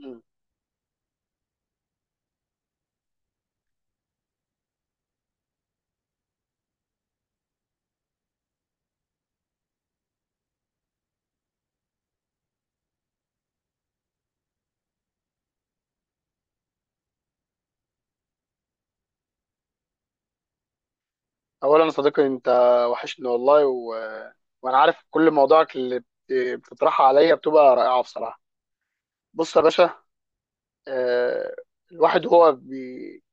مم. اولا يا صديقي انت وحشني والله وانا عارف كل مواضيعك اللي بتطرحها عليا بتبقى رائعه بصراحه. بص يا باشا، آه، الواحد هو بي...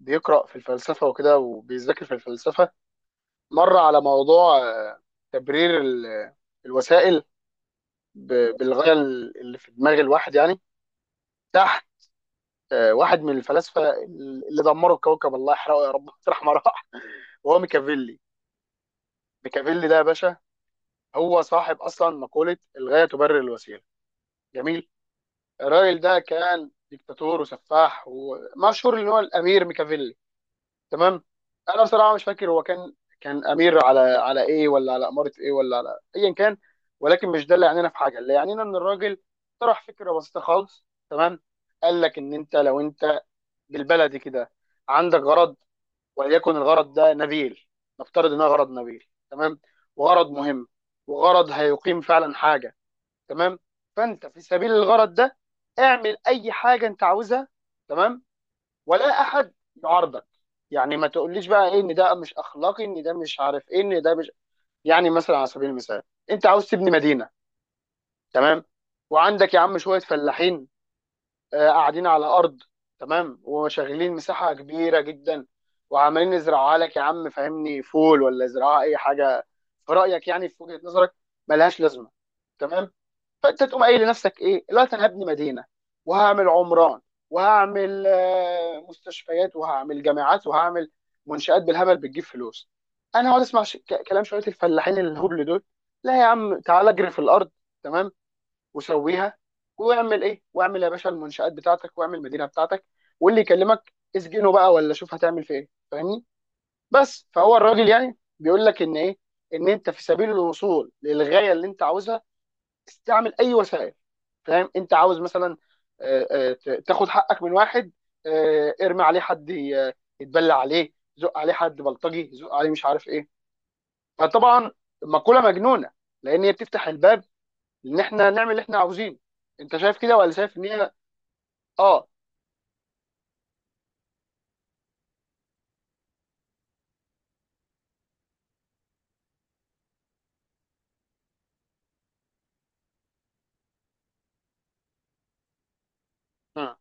بيقرا في الفلسفه وكده، وبيذاكر في الفلسفه، مر على موضوع تبرير الوسائل ب... بالغايه اللي في دماغ الواحد يعني. تحت واحد من الفلاسفه اللي دمروا الكوكب، الله يحرقه يا رب رحمه راح، وهو ميكافيلي. ميكافيلي ده يا باشا هو صاحب اصلا مقوله الغايه تبرر الوسيله. جميل. الراجل ده كان ديكتاتور وسفاح، ومشهور ان هو الامير ميكافيلي. تمام. انا بصراحه مش فاكر هو كان امير على ايه، ولا على اماره ايه، ولا على ايا كان. ولكن مش ده اللي يعنينا في حاجه، اللي يعنينا ان الراجل طرح فكره بسيطه خالص. تمام. قال لك ان انت لو انت بالبلدي كده عندك غرض، وليكن الغرض ده نبيل، نفترض انه غرض نبيل، تمام، وغرض مهم، وغرض هيقيم فعلا حاجه، تمام. فانت في سبيل الغرض ده اعمل اي حاجه انت عاوزها، تمام، ولا احد يعارضك. يعني ما تقوليش بقى ايه، ان ده مش اخلاقي، ان ده مش عارف ايه، ان ده مش، يعني مثلا على سبيل المثال انت عاوز تبني مدينه، تمام، وعندك يا عم شويه فلاحين قاعدين على ارض، تمام، وشغلين مساحه كبيره جدا، وعمالين يزرعوها لك يا عم، فاهمني، فول ولا يزرعوها اي حاجه، في رايك يعني في وجهه نظرك، ملهاش لازمه. تمام. فانت تقوم قايل لنفسك ايه دلوقتي، انا هبني مدينه وهعمل عمران وهعمل مستشفيات وهعمل جامعات وهعمل منشآت بالهبل بتجيب فلوس. انا هقعد اسمع كلام شويه الفلاحين الهبل دول؟ لا يا عم، تعال اجري في الارض تمام وسويها، واعمل ايه، واعمل يا باشا المنشآت بتاعتك، واعمل المدينه بتاعتك، واللي يكلمك اسجنه بقى، ولا شوف هتعمل في ايه، فاهمني. بس فهو الراجل يعني بيقول لك ان ايه، ان انت في سبيل الوصول للغايه اللي انت عاوزها استعمل اي وسائل. فاهم، انت عاوز مثلا تاخد حقك من واحد، ارمي عليه حد يتبلى عليه، زق عليه حد بلطجي، زق عليه مش عارف ايه. فطبعا، مقولة مجنونة، لان هي بتفتح الباب ان احنا نعمل اللي احنا عاوزينه. انت شايف كده، ولا شايف ان هي؟ اه. مم.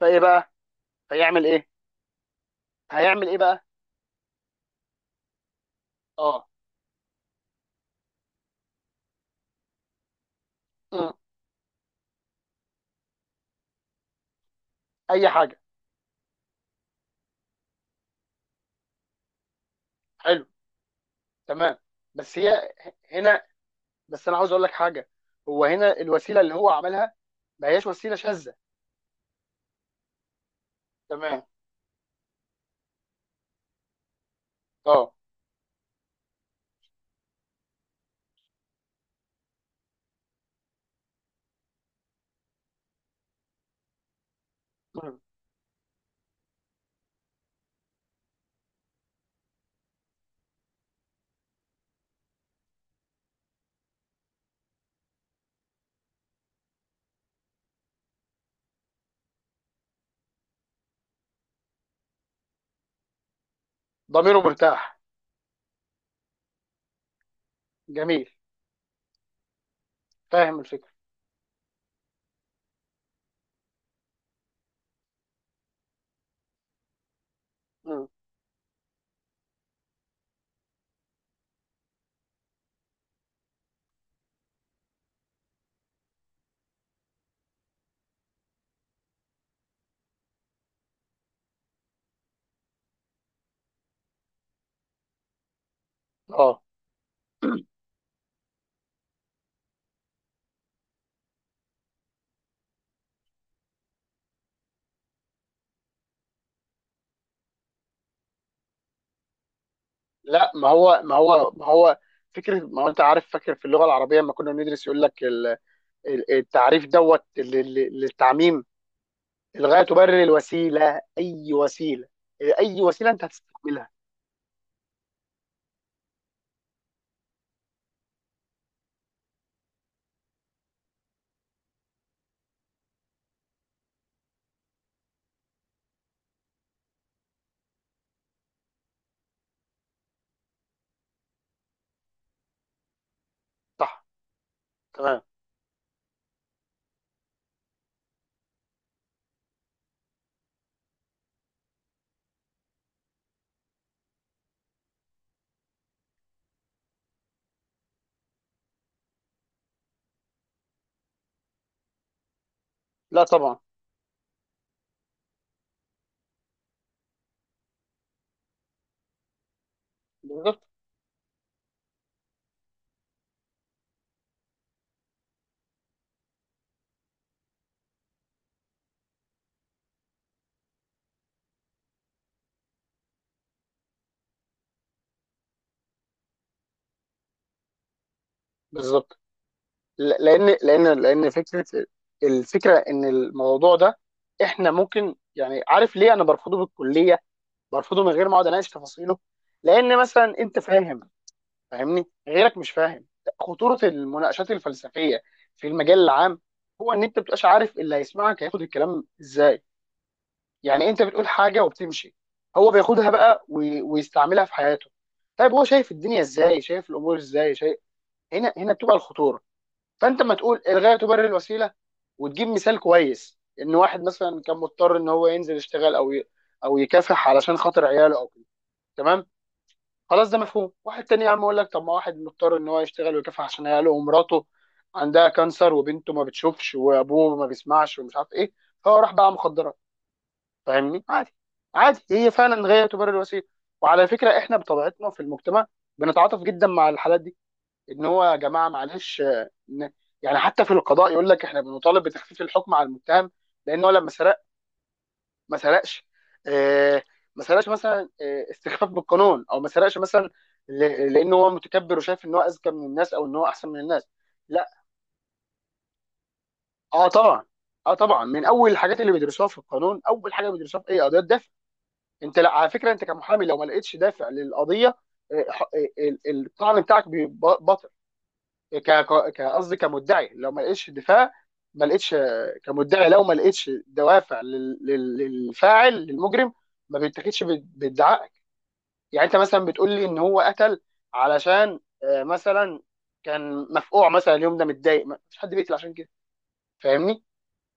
فايه بقى، هيعمل ايه؟ هيعمل ايه بقى؟ اه. مم. اي حاجة. حلو، تمام. بس هي هنا، بس انا عاوز اقول لك حاجة، هو هنا الوسيلة اللي هو عملها ما هياش وسيلة شاذة. تمام. اه. مم. ضميره مرتاح. جميل. فاهم الفكره. مم. اه. لا، ما هو فكره، ما هو انت عارف، فاكر في اللغه العربيه لما كنا بندرس يقول لك التعريف دوت للتعميم، الغايه تبرر الوسيله اي وسيله، اي وسيله انت هتستعملها. صح. تمام. لا طبعا. بالظبط. بالظبط. لان فكره، الفكره ان الموضوع ده احنا ممكن، يعني عارف ليه انا برفضه بالكليه، برفضه من غير ما اقعد اناقش تفاصيله؟ لان مثلا انت فاهم، فاهمني، غيرك مش فاهم. خطوره المناقشات الفلسفيه في المجال العام هو ان انت مبتبقاش عارف اللي هيسمعك هياخد الكلام ازاي. يعني انت بتقول حاجه وبتمشي، هو بياخدها بقى ويستعملها في حياته. طيب، هو شايف الدنيا ازاي، شايف الامور ازاي، شايف، هنا هنا بتبقى الخطوره. فانت ما تقول الغايه تبرر الوسيله وتجيب مثال كويس ان واحد مثلا كان مضطر ان هو ينزل يشتغل او يكافح علشان خاطر عياله او كده، تمام. خلاص ده مفهوم. واحد تاني يا عم اقول لك، طب ما واحد مضطر ان هو يشتغل ويكافح عشان عياله ومراته عندها كانسر، وبنته ما بتشوفش، وابوه ما بيسمعش، ومش عارف ايه، فهو راح باع مخدرات، فاهمني، عادي. عادي، هي فعلا غايه تبرر الوسيله. وعلى فكره احنا بطبيعتنا في المجتمع بنتعاطف جدا مع الحالات دي، ان هو يا جماعه معلش يعني حتى في القضاء يقول لك احنا بنطالب بتخفيف الحكم على المتهم، لان هو لما سرقنا ما سرقش آه، ما سرقش مثلا استخفاف بالقانون، او ما سرقش مثلا لانه هو متكبر وشايف ان هو اذكى من الناس، او ان هو احسن من الناس. لا. اه طبعا. اه طبعا، من اول الحاجات اللي بيدرسوها في القانون، اول حاجه بيدرسوها في ايه، قضيه دافع. انت، لا على فكره، انت كمحامي لو ما لقيتش دافع للقضيه، آه، ح- آه، الطعن بتاعك بيبقى باطل. قصدي كمدعي، لو ما لقيتش دفاع، ما لقيتش كمدعي لو ما لقيتش دوافع للفاعل للمجرم، ما بيتاخدش بادعاء. يعني انت مثلا بتقول لي ان هو قتل علشان مثلا كان مفقوع مثلا، اليوم ده متضايق، ما فيش حد بيقتل عشان كده، فاهمني،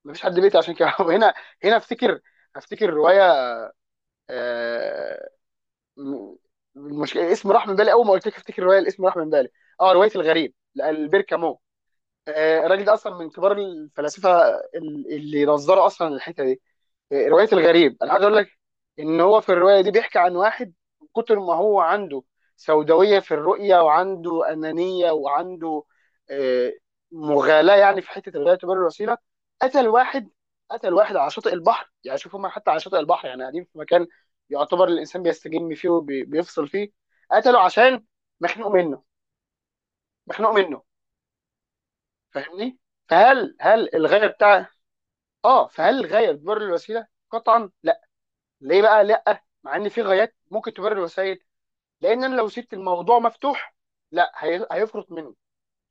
ما فيش حد بيقتل عشان كده هنا، هنا افتكر، افتكر روايه، آه، م- المشكله الاسم راح من بالي، اول ما قلت لك افتكر روايه الاسم راح من بالي. اه، روايه الغريب لالبير كامو. الراجل ده اصلا من كبار الفلاسفه اللي نظروا اصلا الحته دي. إيه، روايه الغريب، انا عايز اقول لك ان هو في الروايه دي بيحكي عن واحد، من كتر ما هو عنده سوداويه في الرؤيه، وعنده انانيه، وعنده آه، مغالاه، يعني في حته الغايه تبرر الوسيله، قتل واحد. قتل واحد على شاطئ البحر، يعني شوف، هم حتى على شاطئ البحر، يعني قاعدين في مكان يعتبر الانسان بيستجم فيه وبيفصل فيه، قتله عشان مخنوق منه، مخنوق منه، فاهمني. فهل الغايه بتاع، اه، فهل الغايه تبرر الوسيله؟ قطعا لا. ليه بقى لا، مع ان في غايات ممكن تبرر الوسائل؟ لان انا لو سبت الموضوع مفتوح لا، هيفرط مني،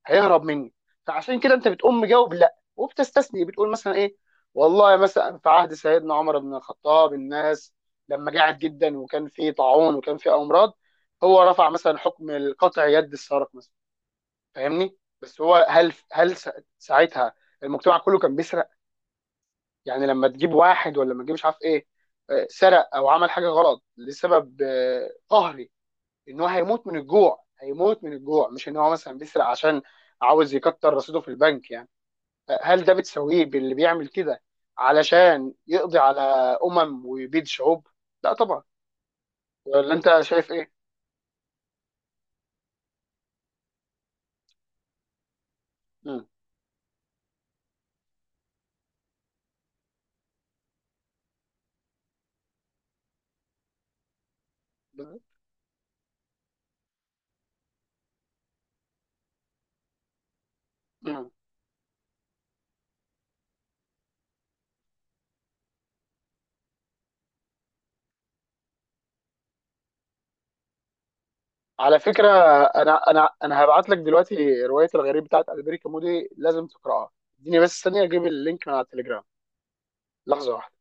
هيهرب مني. فعشان كده انت بتقوم مجاوب لا، وبتستثني، بتقول مثلا ايه، والله مثلا في عهد سيدنا عمر بن الخطاب الناس لما جاعت جدا، وكان في طاعون، وكان في امراض، هو رفع مثلا حكم قطع يد السارق مثلا، فاهمني. بس هو هل ساعتها المجتمع كله كان، يعني لما تجيب واحد ولا ما تجيب مش عارف ايه، سرق او عمل حاجه غلط لسبب قهري، ان هو هيموت من الجوع، هيموت من الجوع، مش ان هو مثلا بيسرق عشان عاوز يكتر رصيده في البنك يعني. هل ده بتسويه باللي بيعمل كده علشان يقضي على ويبيد شعوب؟ لا طبعا. ولا انت شايف ايه؟ مم. مم. على فكره، انا هبعت لك دلوقتي روايه الغريب بتاعت البريكا مودي، لازم تقراها. اديني بس ثانيه اجيب اللينك من على التليجرام. لحظه واحده.